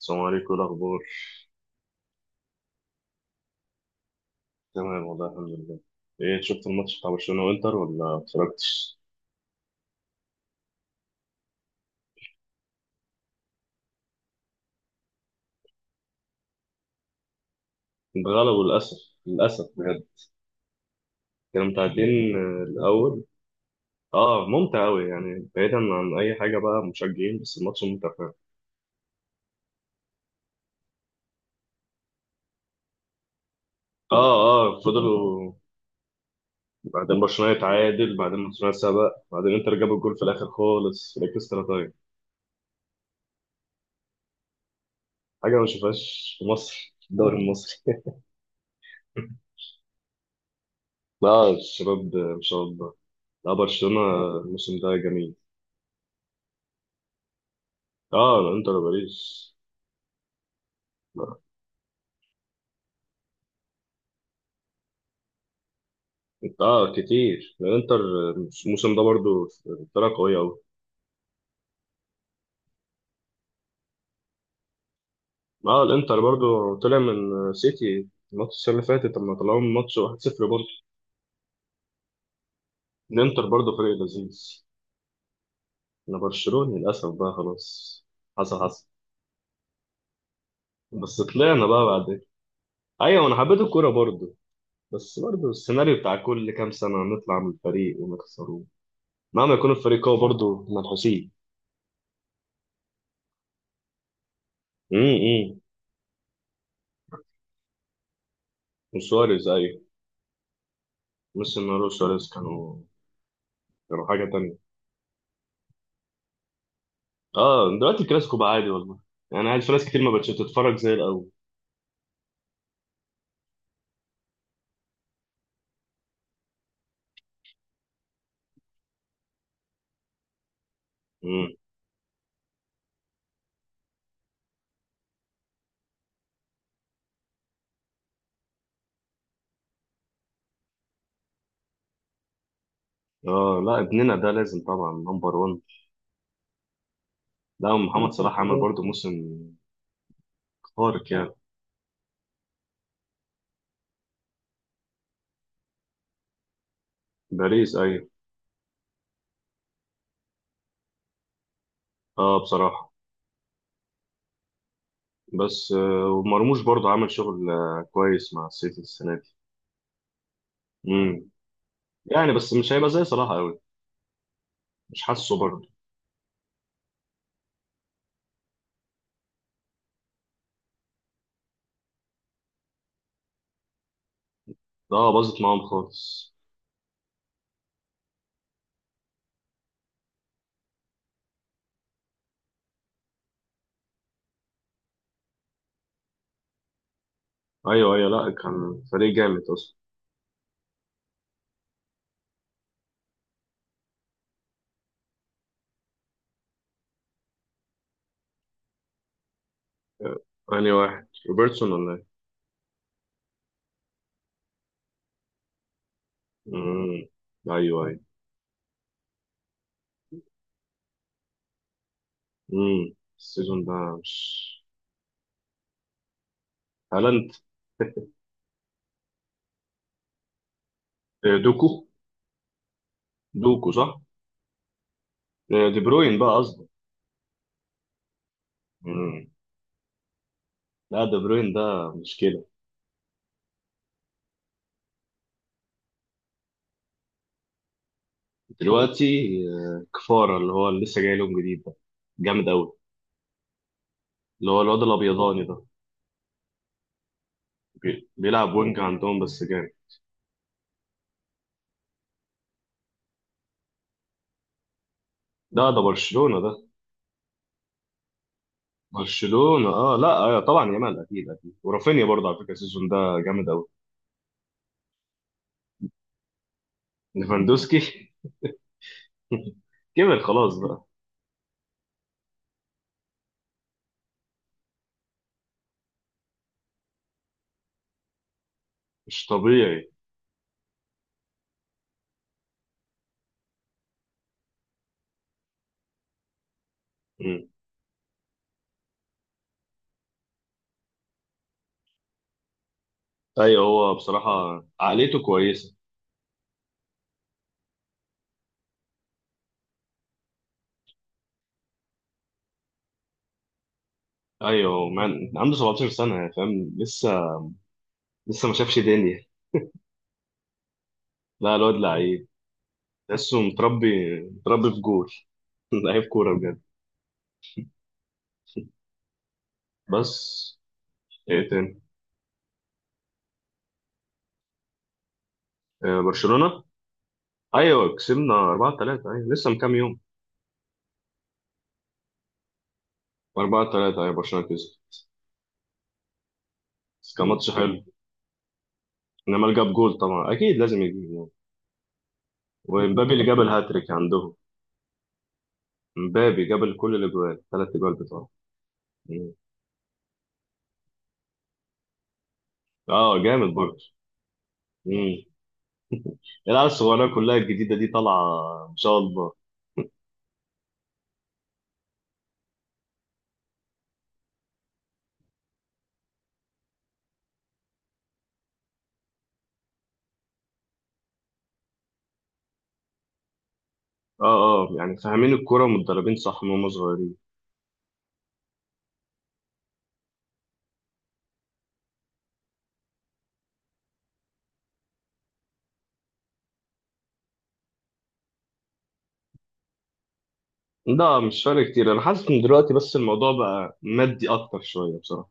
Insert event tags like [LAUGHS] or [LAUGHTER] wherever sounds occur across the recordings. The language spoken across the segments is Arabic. السلام عليكم، إيه الأخبار؟ تمام والله الحمد لله. إيه، شفت الماتش بتاع برشلونة وإنتر ولا ما اتفرجتش؟ اتغلبوا للأسف. للأسف بجد. كانوا متعادلين، الأول. آه، ممتع أوي، يعني بعيدا عن أي حاجة بقى، مشجعين بس الماتش ممتع فعلا. آه. آه، فضلوا. بعدين برشلونة يتعادل، بعدين برشلونة سبق، بعدين إنتر جاب الجول في الآخر خالص في الإكسترا تايم. حاجة ما شفتهاش في مصر في الدوري المصري. [LAUGHS] لا الشباب، ما شاء الله. لا برشلونة، الموسم ده جميل. اه، انتر باريس. اه كتير الانتر. الموسم ده برضو فرقة قوية أوي. اه الانتر برضو طلع من سيتي الماتش السنة اللي فاتت لما طلعوا من ماتش 1-0 برضو. الانتر برضو فريق لذيذ. انا برشلوني للأسف بقى خلاص. حصل حصل. بس طلعنا بقى بعدين. ايوه انا حبيت الكورة برضو. بس برضو السيناريو بتاع كل كام سنة نطلع من الفريق ونخسره. مهما يكون الفريق قوي برضو منحوسين. امم. امم. وسواريز ايوه. ميسي ونارو سواريز كانوا حاجة تانية. اه، دلوقتي الكلاسيكو بقى عادي والله. يعني عادي، في ناس كتير ما بقتش تتفرج زي الاول. امم. اه لا، ابننا ده لازم طبعا نمبر 1. لا، ومحمد صلاح عمل برضه موسم خارق يعني. باريس ايوه. اه بصراحه. بس ومرموش برضه عمل شغل كويس مع السيتي السنه دي. امم. يعني بس مش هيبقى زي صلاح قوي. مش حاسه برضه. اه باظت معاهم خالص. ايوه ايوه، لا كان فريق جامد اصلا. آه، انهي واحد، روبرتسون ولا ايه؟ امم. ايوه ايوه. السيزون ده. مش هالاند. دوكو. دوكو صح. دي بروين بقى قصدي. مم. لا دي بروين ده مشكله. دلوقتي كفاره، اللي هو اللي لسه جاي لهم جديد ده، جامد قوي. اللي هو الواد الابيضاني ده. بيلعب وينج عندهم بس جامد. ده برشلونه ده. برشلونه اه، لا طبعا يامال، اكيد اكيد، ورافينيا برضه على فكره السيزون ده جامد قوي. ليفاندوسكي. [LAUGHS] كبر خلاص بقى. مش طبيعي. مم. ايوه هو بصراحه عقليته كويسه. ايوه مان عنده 17 سنه يعني، فاهم لسه. لسه ما شافش دنيا. لا الواد لعيب. تحسه متربي، متربي في جول. [LAUGHS] لعيب كوره بجد. بس ايه تاني؟ برشلونه، ايوه كسبنا 4-3، ايوه لسه من كام يوم. 4-3 ايوه برشلونه كسب. بس كان ماتش حلو. انما جاب جول طبعا، اكيد لازم يجيب جول. ومبابي اللي جاب الهاتريك عندهم. مبابي جاب كل الاجوال، ثلاث اجوال بتوعه. مم. اه جامد برضه. مم. العيال الصغيره كلها الجديده دي طالعه. ان شاء الله. اه اه، يعني فاهمين الكوره ومتدربين صح من هم صغيرين. لا مش فارق كتير، انا حاسس ان دلوقتي بس الموضوع بقى مادي اكتر شويه بصراحه.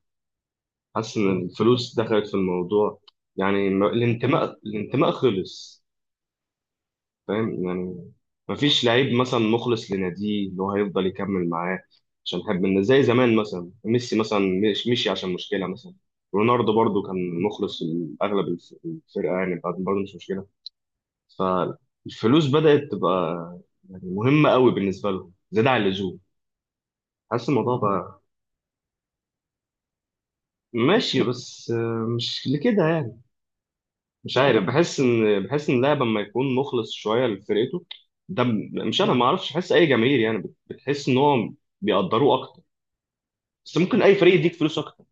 حاسس ان الفلوس دخلت في الموضوع. يعني الانتماء، الانتماء خلص. فاهم يعني. مفيش لعيب مثلا مخلص لناديه اللي هو هيفضل يكمل معاه عشان حب الناس زي زمان. مثلا ميسي مثلا، مش مشي عشان مشكله مثلا. رونالدو برضو كان مخلص لاغلب الفرقه يعني، بعد برضه مش مشكله. فالفلوس بدأت تبقى يعني مهمة قوي بالنسبة لهم، زيادة عن اللزوم. حاسس الموضوع بقى ماشي، بس مش لكده يعني. مش عارف، بحس ان اللاعب لما يكون مخلص شوية لفرقته، مش انا ما اعرفش، بحس اي جماهير يعني بتحس ان هو بيقدروه اكتر. بس ممكن اي فريق يديك فلوس اكتر.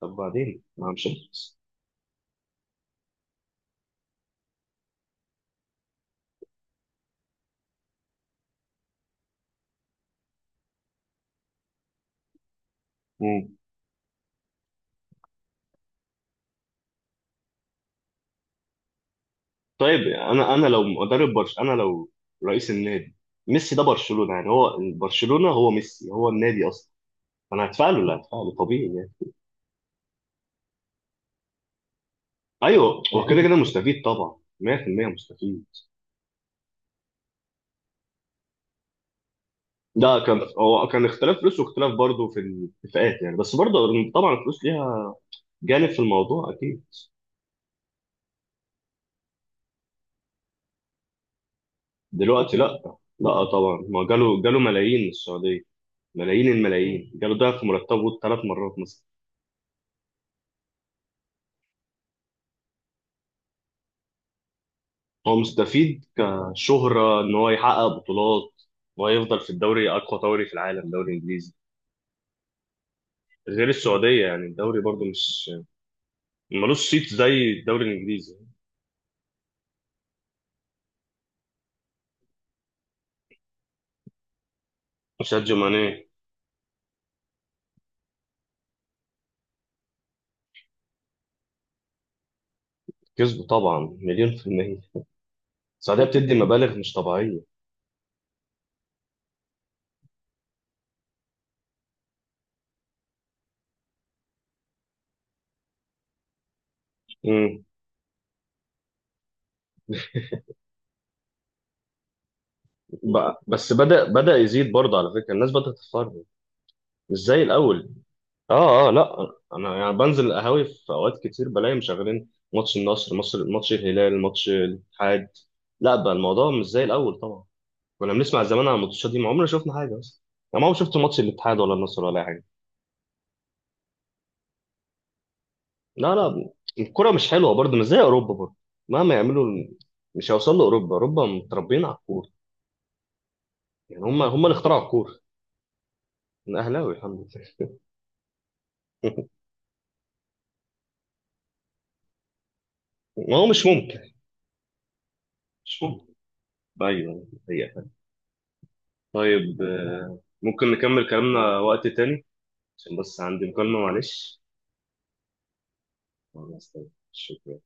طب بعدين ما مش هنخلص. مم. طيب، انا لو مدرب برش، انا لو رئيس النادي، ميسي ده برشلونة يعني، هو برشلونة، هو ميسي، هو النادي اصلا. انا هتفعله لا هتفعله طبيعي يعني. ايوه هو كده، يعني كده مستفيد طبعا، 100% مستفيد. ده كان، هو كان اختلاف فلوس واختلاف برضه في الاتفاقات يعني، بس برضه طبعا الفلوس ليها جانب في الموضوع اكيد. دلوقتي لا. لا طبعا، ما جاله جاله ملايين من السعوديه. ملايين، مم. الملايين جاله ضعف مرتبه ثلاث مرات مثلا. هو مستفيد كشهره ان هو يحقق بطولات، ويفضل في الدوري، اقوى دوري في العالم، دوري انجليزي. غير السعوديه يعني، الدوري برضه مش، ملوش صيت زي الدوري الانجليزي. ساديو ماني. كسبه طبعا مليون في المية. السعودية بتدي مبالغ مش طبيعية. امم. بس بدأ يزيد برضه على فكرة، الناس بدأت تتفرج، مش زي الأول. اه اه، لا أنا يعني بنزل القهاوي في أوقات كتير، بلاقي مشغلين ماتش النصر، مصر، ماتش الهلال، ماتش الاتحاد. لا بقى الموضوع مش زي الأول طبعا. كنا بنسمع زمان عن الماتشات دي، ما عمرنا شفنا حاجة أصلا. يعني ما عمري شفت ماتش الاتحاد ولا النصر ولا أي حاجة. لا لا، الكرة مش حلوة برضه، مش زي أوروبا برضه. مهما يعملوا مش هيوصلوا لأوروبا، أوروبا متربيين على الكورة. يعني هم اللي اخترعوا الكورة. أنا أهلاوي الحمد لله. [LAUGHS] ما هو مش ممكن. مش ممكن. أيوه هي. طيب، ممكن نكمل كلامنا وقت تاني عشان بس عندي مكالمة، معلش. خلاص، طيب. شكرا.